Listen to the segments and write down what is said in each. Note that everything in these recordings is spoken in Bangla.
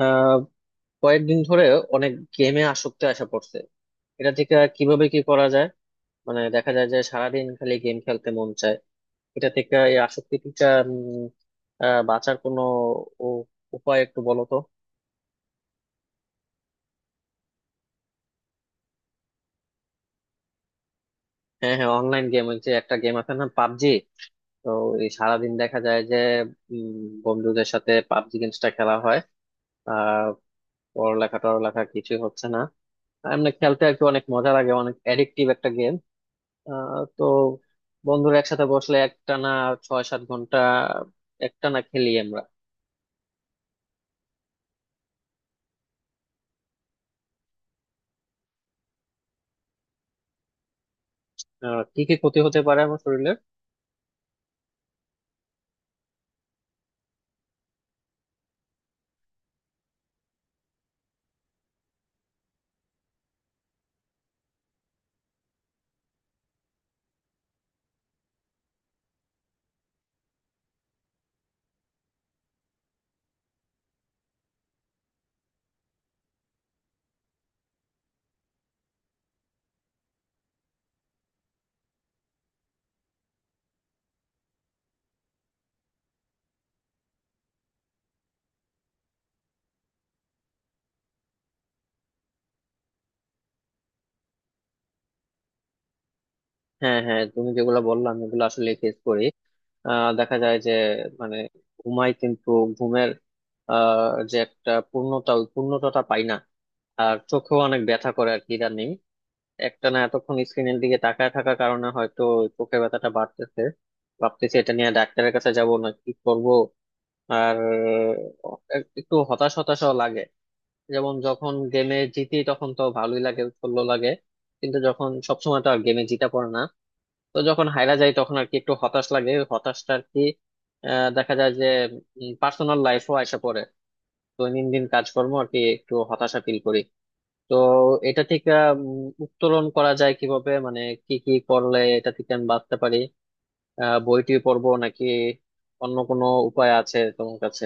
আহ কয়েকদিন ধরে অনেক গেমে আসক্তি আসা পড়ছে। এটা থেকে কিভাবে কি করা যায়? মানে দেখা যায় যে সারাদিন খালি গেম খেলতে মন চায়। এটা থেকে এই আসক্তিটা উম, বাঁচার কোনো উ- উপায় একটু বলো তো। হ্যাঁ, হ্যাঁ, অনলাইন গেম, ওই যে একটা গেম আছে না, পাবজি। তো এই সারাদিন দেখা যায় যে উম, বন্ধুদের সাথে পাবজি গেমসটা খেলা হয়, আর পড়ালেখা টড়ালেখা কিছুই হচ্ছে না। এমনি খেলতে আর কি অনেক মজা লাগে, অনেক অ্যাডিকটিভ একটা গেম। তো বন্ধুরা একসাথে বসলে একটানা 6-7 ঘন্টা একটানা খেলি আমরা। কি কি ক্ষতি হতে পারে আমার শরীরের? হ্যাঁ, হ্যাঁ, তুমি যেগুলো বললাম এগুলো আসলে ফেস করি। দেখা যায় যে মানে ঘুমাই কিন্তু ঘুমের আহ, যে একটা পূর্ণতা, ওই পূর্ণতাটা পাই না। আর চোখেও অনেক ব্যথা করে আর কি ইদানিং, একটানা এতক্ষণ স্ক্রিনের দিকে তাকায় থাকার কারণে হয়তো চোখের ব্যথাটা বাড়তেছে। ভাবতেছি এটা নিয়ে ডাক্তারের কাছে যাব না কি করব। আর একটু হতাশ হতাশও লাগে। যেমন যখন গেমে জিতি তখন তো ভালোই লাগে, উৎফুল্ল লাগে। কিন্তু যখন সবসময় তো আর গেমে জিতা পড়ে না, তো যখন হাইরা যায় তখন আর কি একটু হতাশ লাগে, ওই হতাশটা আর কি। দেখা যায় যে পার্সোনাল লাইফও আসা পড়ে, দৈনন্দিন কাজকর্ম আর কি, একটু হতাশা ফিল করি। তো এটা থেকে উত্তোলন করা যায় কিভাবে, মানে কি কি করলে এটা থেকে আমি বাঁচতে পারি? বইটি পড়বো নাকি অন্য কোনো উপায় আছে তোমার কাছে?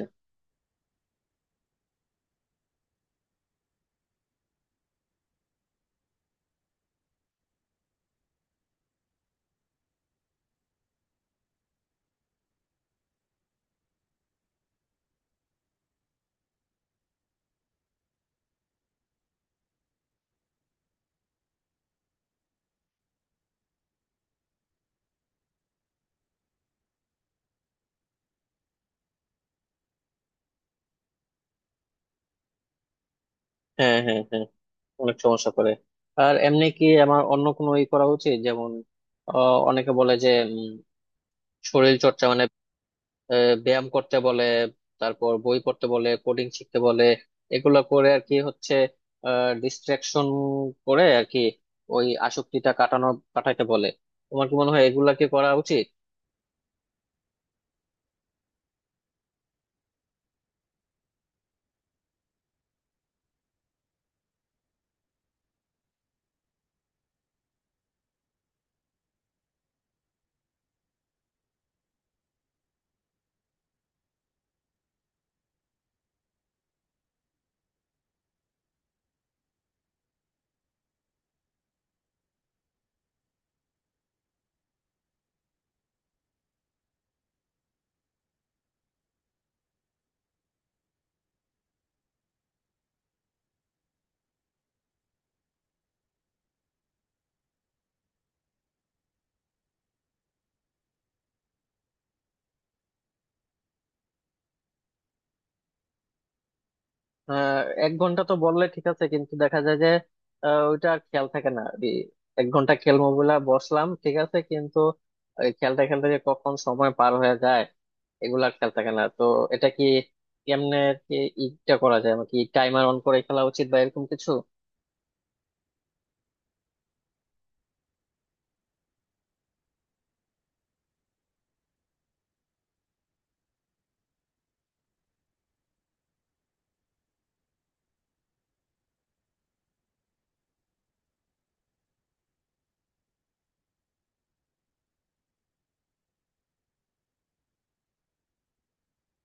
হ্যাঁ, হ্যাঁ, হ্যাঁ, অনেক সমস্যা করে। আর এমনি কি আমার অন্য কোনো ই করা উচিত, যেমন অনেকে বলে যে উম, শরীর চর্চা মানে ব্যায়াম করতে বলে, তারপর বই পড়তে বলে, কোডিং শিখতে বলে। এগুলো করে আর কি হচ্ছে ডিস্ট্রাকশন, করে আর কি ওই আসক্তিটা কাটানো, কাটাইতে বলে। তোমার কি মনে হয় এগুলা কি করা উচিত? আহ, 1 ঘন্টা তো বললে ঠিক আছে, কিন্তু দেখা যায় যে ওইটা আর খেয়াল থাকে না। এই 1 ঘন্টা খেলবো বলে বসলাম ঠিক আছে, কিন্তু এই খেলতে খেলতে যে কখন সময় পার হয়ে যায় এগুলা আর খেয়াল থাকে না। তো এটা কি কেমনে আর কি ইটা করা যায়, মানে কি টাইমার অন করে খেলা উচিত বা এরকম কিছু?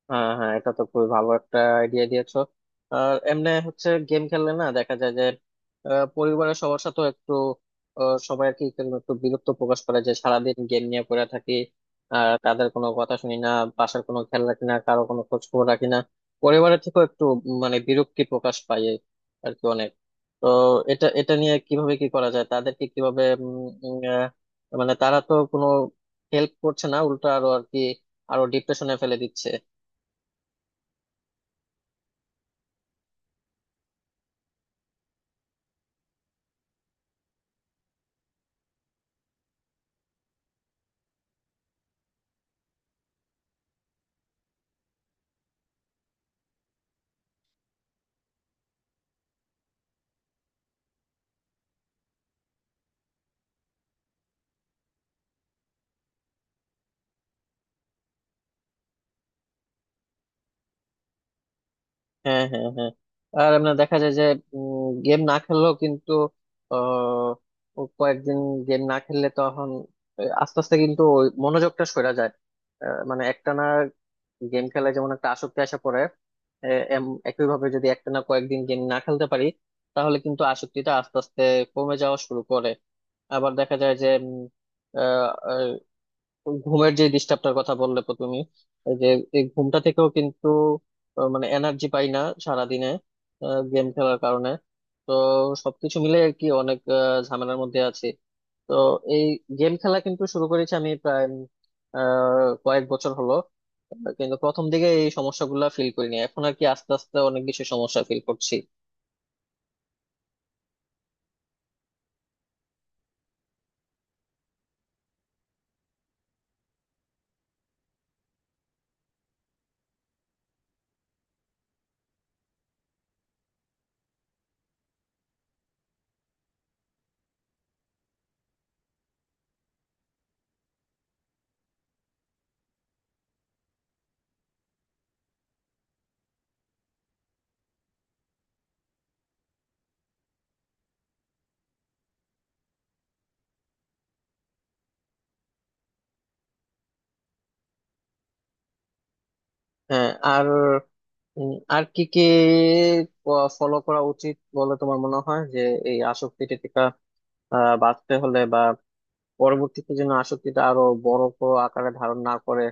হ্যাঁ, হ্যাঁ, এটা তো খুবই ভালো একটা আইডিয়া দিয়েছো। আর এমনি হচ্ছে গেম খেললে না দেখা যায় যে পরিবারের সবার সাথে একটু সবাই আর কি কেমন একটু বিরক্ত প্রকাশ করে যে সারাদিন গেম নিয়ে পড়ে থাকি আর তাদের কোনো কথা শুনি না, বাসার কোনো খেয়াল রাখি না, কারো কোনো খোঁজ খবর রাখি না। পরিবারের থেকেও একটু মানে বিরক্তি প্রকাশ পাই, এই আর কি অনেক। তো এটা এটা নিয়ে কিভাবে কি করা যায়, তাদেরকে কিভাবে উম, উম, আহ, মানে তারা তো কোনো হেল্প করছে না, উল্টো আরো আর কি আরো ডিপ্রেশনে ফেলে দিচ্ছে। হ্যাঁ, হ্যাঁ, হ্যাঁ, আর এমনি দেখা যায় যে গেম না খেললেও কিন্তু আহ, ও কয়েকদিন গেম না খেললে তখন আস্তে আস্তে কিন্তু ওই মনোযোগটা সরে যায়। মানে একটানা গেম খেলায় যেমন একটা আসক্তি আসা পড়ে, একইভাবে যদি একটানা কয়েকদিন গেম না খেলতে পারি তাহলে কিন্তু আসক্তিটা আস্তে আস্তে কমে যাওয়া শুরু করে। আবার দেখা যায় যে ঘুমের যে ডিস্টার্বটার কথা বললে তো তুমি, এই যে এই ঘুমটা থেকেও কিন্তু মানে এনার্জি পাই না সারাদিনে গেম খেলার কারণে। তো সবকিছু মিলে আর কি অনেক ঝামেলার মধ্যে আছি। তো এই গেম খেলা কিন্তু শুরু করেছি আমি প্রায় উম, আহ কয়েক বছর হলো, কিন্তু প্রথম দিকে এই সমস্যাগুলো ফিল করিনি, এখন আর কি আস্তে আস্তে অনেক বেশি সমস্যা ফিল করছি। হ্যাঁ, আর আর কি কি ফলো করা উচিত বলে তোমার মনে হয় যে এই আসক্তি বাঁচতে হলে, বা পরবর্তীতে যেন আসক্তিটা আরো বড় বড় আকারে ধারণ না করে,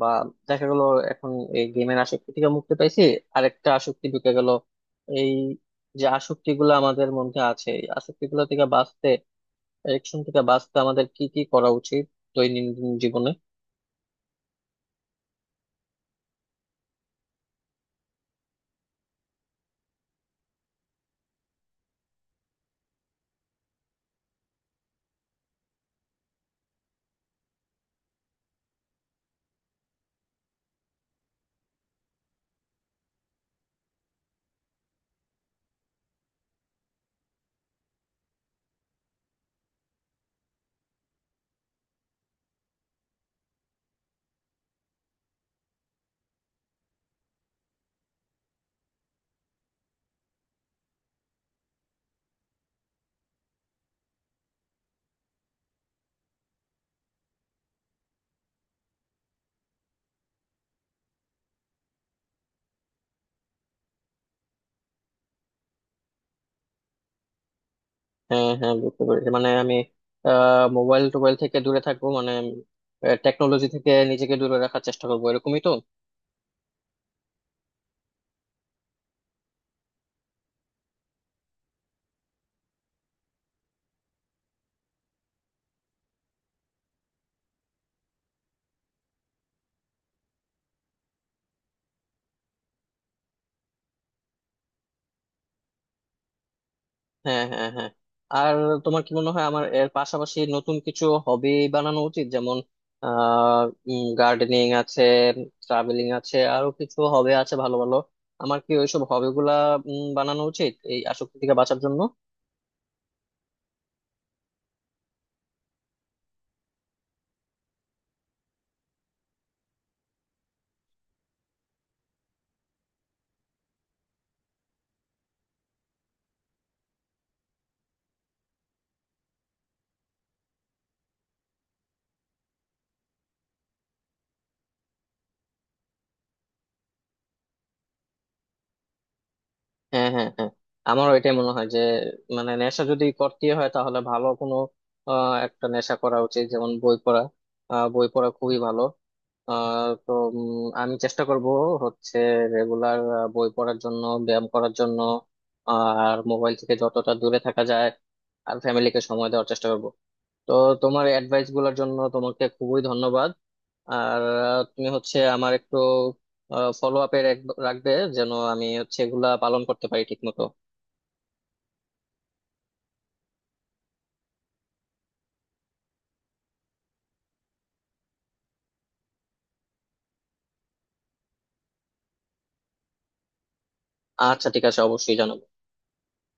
বা দেখা গেল এখন এই গেমের আসক্তি থেকে মুক্তি পাইছি, আরেকটা আসক্তি ঢুকে গেল। এই যে আসক্তি গুলো আমাদের মধ্যে আছে এই আসক্তি গুলো থেকে বাঁচতে, এডিকশন থেকে বাঁচতে আমাদের কি কি করা উচিত দৈনন্দিন জীবনে? হ্যাঁ, হ্যাঁ, বুঝতে পেরেছি, মানে আমি মোবাইল টোবাইল থেকে দূরে থাকবো, মানে টেকনোলজি থেকে নিজেকে দূরে রাখার চেষ্টা করবো, এরকমই তো? হ্যাঁ, হ্যাঁ, হ্যাঁ, আর তোমার কি মনে হয় আমার এর পাশাপাশি নতুন কিছু হবি বানানো উচিত, যেমন আহ গার্ডেনিং আছে, ট্রাভেলিং আছে, আরো কিছু হবি আছে ভালো ভালো। আমার কি ওইসব হবি গুলা বানানো উচিত এই আসক্তি থেকে বাঁচার জন্য? হ্যাঁ, হ্যাঁ, হ্যাঁ, আমারও এটাই মনে হয় যে মানে নেশা যদি করতে হয় তাহলে ভালো কোনো একটা নেশা করা উচিত, যেমন বই পড়া। বই পড়া খুবই ভালো। তো আমি চেষ্টা করব হচ্ছে রেগুলার বই পড়ার জন্য, ব্যায়াম করার জন্য, আর মোবাইল থেকে যতটা দূরে থাকা যায়, আর ফ্যামিলিকে সময় দেওয়ার চেষ্টা করব। তো তোমার অ্যাডভাইস গুলোর জন্য তোমাকে খুবই ধন্যবাদ। আর তুমি হচ্ছে আমার একটু ফলো আপে রাখবে যেন আমি হচ্ছে এগুলা পালন করতে পারি ঠিক মতো। আচ্ছা, ঠিক আছে, অবশ্যই জানাবো।